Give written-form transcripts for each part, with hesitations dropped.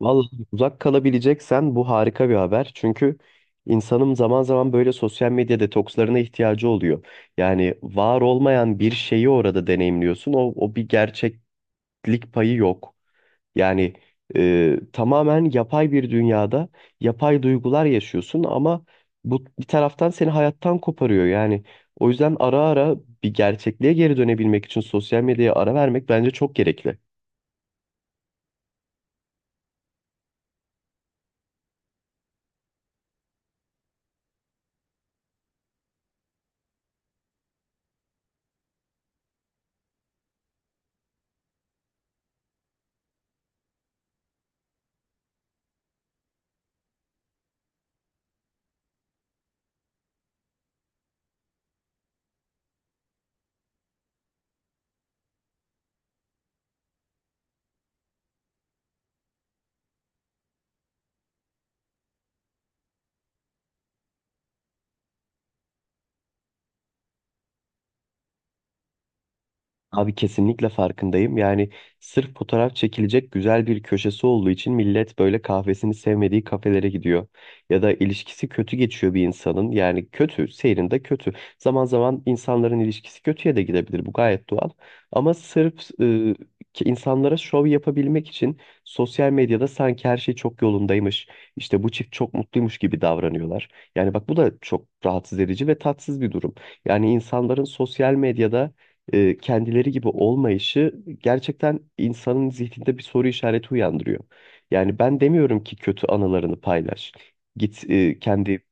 Vallahi uzak kalabileceksen bu harika bir haber. Çünkü insanın zaman zaman böyle sosyal medya detokslarına ihtiyacı oluyor. Yani var olmayan bir şeyi orada deneyimliyorsun. O bir gerçeklik payı yok. Yani tamamen yapay bir dünyada yapay duygular yaşıyorsun ama bu bir taraftan seni hayattan koparıyor. Yani o yüzden ara ara bir gerçekliğe geri dönebilmek için sosyal medyaya ara vermek bence çok gerekli. Abi kesinlikle farkındayım. Yani sırf fotoğraf çekilecek güzel bir köşesi olduğu için millet böyle kahvesini sevmediği kafelere gidiyor. Ya da ilişkisi kötü geçiyor bir insanın. Yani kötü, seyrinde kötü. Zaman zaman insanların ilişkisi kötüye de gidebilir. Bu gayet doğal. Ama sırf e, ki insanlara şov yapabilmek için sosyal medyada sanki her şey çok yolundaymış. İşte bu çift çok mutluymuş gibi davranıyorlar. Yani bak bu da çok rahatsız edici ve tatsız bir durum. Yani insanların sosyal medyada kendileri gibi olmayışı gerçekten insanın zihninde bir soru işareti uyandırıyor. Yani ben demiyorum ki kötü anılarını paylaş. Git kendi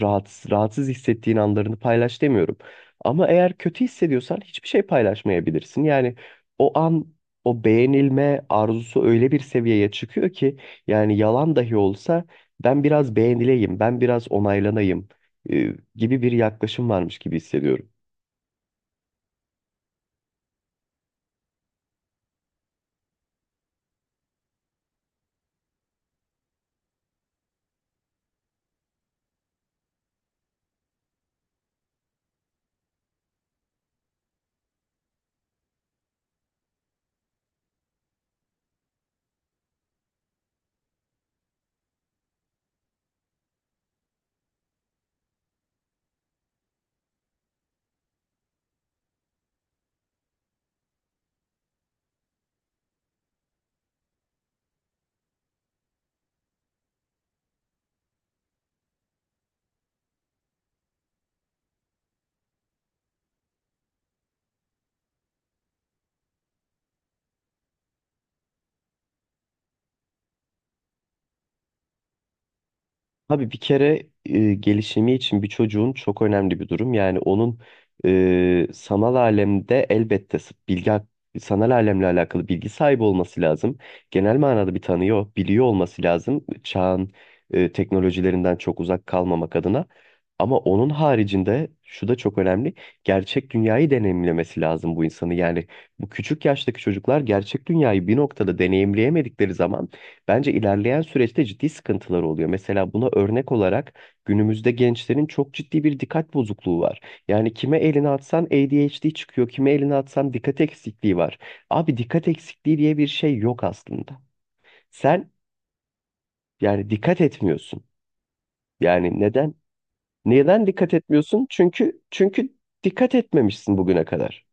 rahatsız hissettiğin anlarını paylaş demiyorum. Ama eğer kötü hissediyorsan hiçbir şey paylaşmayabilirsin. Yani o an o beğenilme arzusu öyle bir seviyeye çıkıyor ki yani yalan dahi olsa ben biraz beğenileyim, ben biraz onaylanayım gibi bir yaklaşım varmış gibi hissediyorum. Abi bir kere gelişimi için bir çocuğun çok önemli bir durum. Yani onun sanal alemde elbette sanal alemle alakalı bilgi sahibi olması lazım. Genel manada bir tanıyor, biliyor olması lazım. Çağın teknolojilerinden çok uzak kalmamak adına. Ama onun haricinde şu da çok önemli. Gerçek dünyayı deneyimlemesi lazım bu insanı. Yani bu küçük yaştaki çocuklar gerçek dünyayı bir noktada deneyimleyemedikleri zaman bence ilerleyen süreçte ciddi sıkıntılar oluyor. Mesela buna örnek olarak günümüzde gençlerin çok ciddi bir dikkat bozukluğu var. Yani kime elini atsan ADHD çıkıyor, kime elini atsan dikkat eksikliği var. Abi dikkat eksikliği diye bir şey yok aslında. Sen yani dikkat etmiyorsun. Yani neden? Neden dikkat etmiyorsun? Çünkü dikkat etmemişsin bugüne kadar.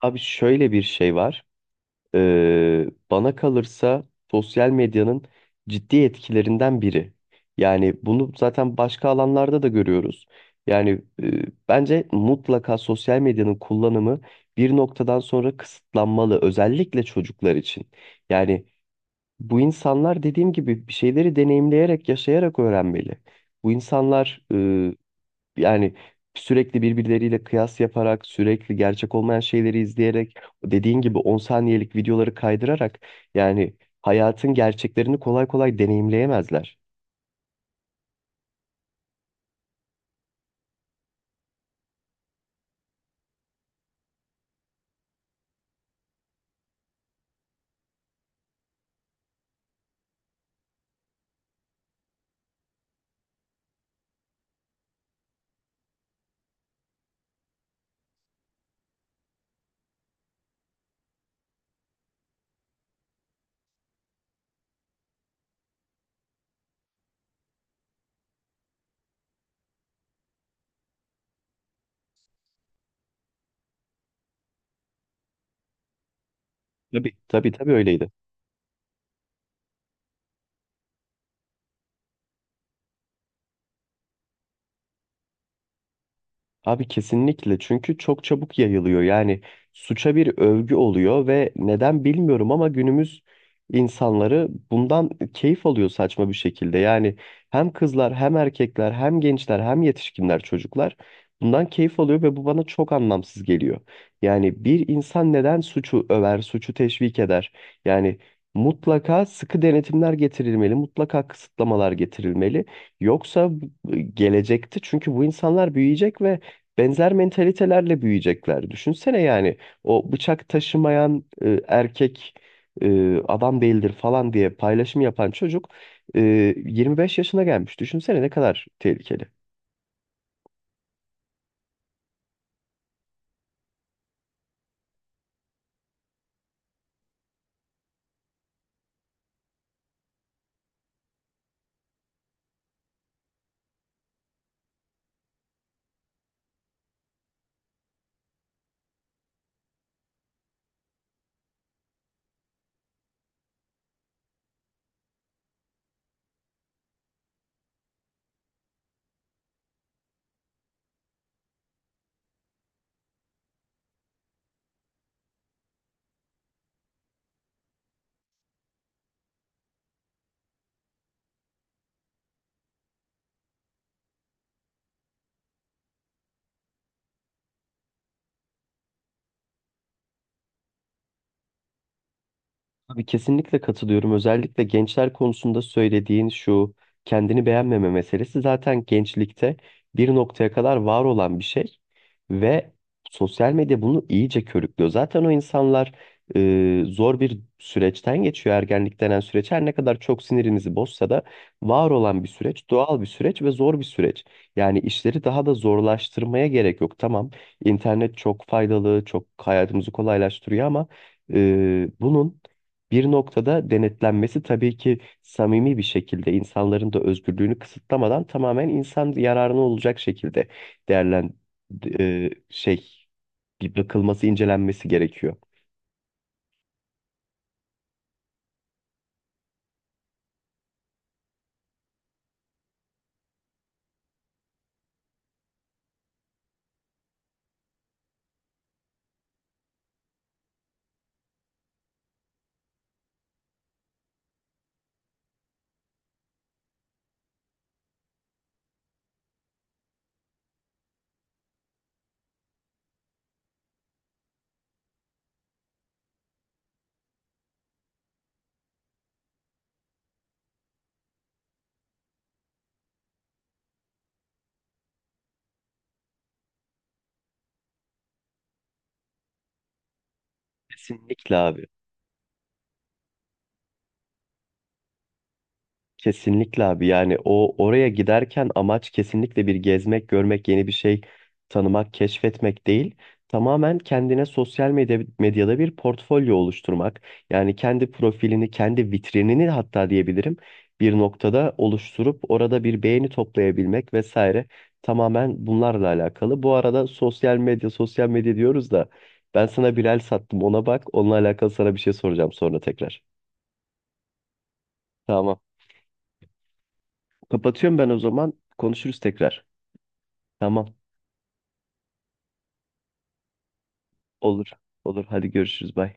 Abi şöyle bir şey var. Ee, Bana kalırsa sosyal medyanın ciddi etkilerinden biri. Yani bunu zaten başka alanlarda da görüyoruz. Yani bence mutlaka sosyal medyanın kullanımı bir noktadan sonra kısıtlanmalı, özellikle çocuklar için. Yani bu insanlar dediğim gibi bir şeyleri deneyimleyerek, yaşayarak öğrenmeli. Bu insanlar yani sürekli birbirleriyle kıyas yaparak, sürekli gerçek olmayan şeyleri izleyerek, dediğin gibi 10 saniyelik videoları kaydırarak yani hayatın gerçeklerini kolay kolay deneyimleyemezler. Tabii. Tabii tabii öyleydi. Abi kesinlikle çünkü çok çabuk yayılıyor. Yani suça bir övgü oluyor ve neden bilmiyorum ama günümüz insanları bundan keyif alıyor saçma bir şekilde. Yani hem kızlar hem erkekler hem gençler hem yetişkinler çocuklar bundan keyif alıyor ve bu bana çok anlamsız geliyor. Yani bir insan neden suçu över, suçu teşvik eder? Yani mutlaka sıkı denetimler getirilmeli, mutlaka kısıtlamalar getirilmeli. Yoksa gelecekte çünkü bu insanlar büyüyecek ve benzer mentalitelerle büyüyecekler. Düşünsene yani o bıçak taşımayan erkek adam değildir falan diye paylaşım yapan çocuk e, 25 yaşına gelmiş. Düşünsene ne kadar tehlikeli. Abi kesinlikle katılıyorum. Özellikle gençler konusunda söylediğin şu kendini beğenmeme meselesi zaten gençlikte bir noktaya kadar var olan bir şey ve sosyal medya bunu iyice körüklüyor. Zaten o insanlar zor bir süreçten geçiyor ergenlik denen süreç. Her ne kadar çok sinirinizi bozsa da var olan bir süreç, doğal bir süreç ve zor bir süreç. Yani işleri daha da zorlaştırmaya gerek yok. Tamam, internet çok faydalı, çok hayatımızı kolaylaştırıyor ama bunun bir noktada denetlenmesi tabii ki samimi bir şekilde insanların da özgürlüğünü kısıtlamadan tamamen insan yararına olacak şekilde değerlen e, şey bir bakılması, incelenmesi gerekiyor. Kesinlikle abi. Kesinlikle abi yani o oraya giderken amaç kesinlikle bir gezmek, görmek, yeni bir şey tanımak, keşfetmek değil. Tamamen kendine sosyal medya, medyada bir portfolyo oluşturmak. Yani kendi profilini, kendi vitrinini hatta diyebilirim bir noktada oluşturup orada bir beğeni toplayabilmek vesaire. Tamamen bunlarla alakalı. Bu arada sosyal medya, sosyal medya diyoruz da ben sana bir el sattım ona bak. Onunla alakalı sana bir şey soracağım sonra tekrar. Tamam. Kapatıyorum ben o zaman. Konuşuruz tekrar. Tamam. Olur. Olur. Hadi görüşürüz. Bye.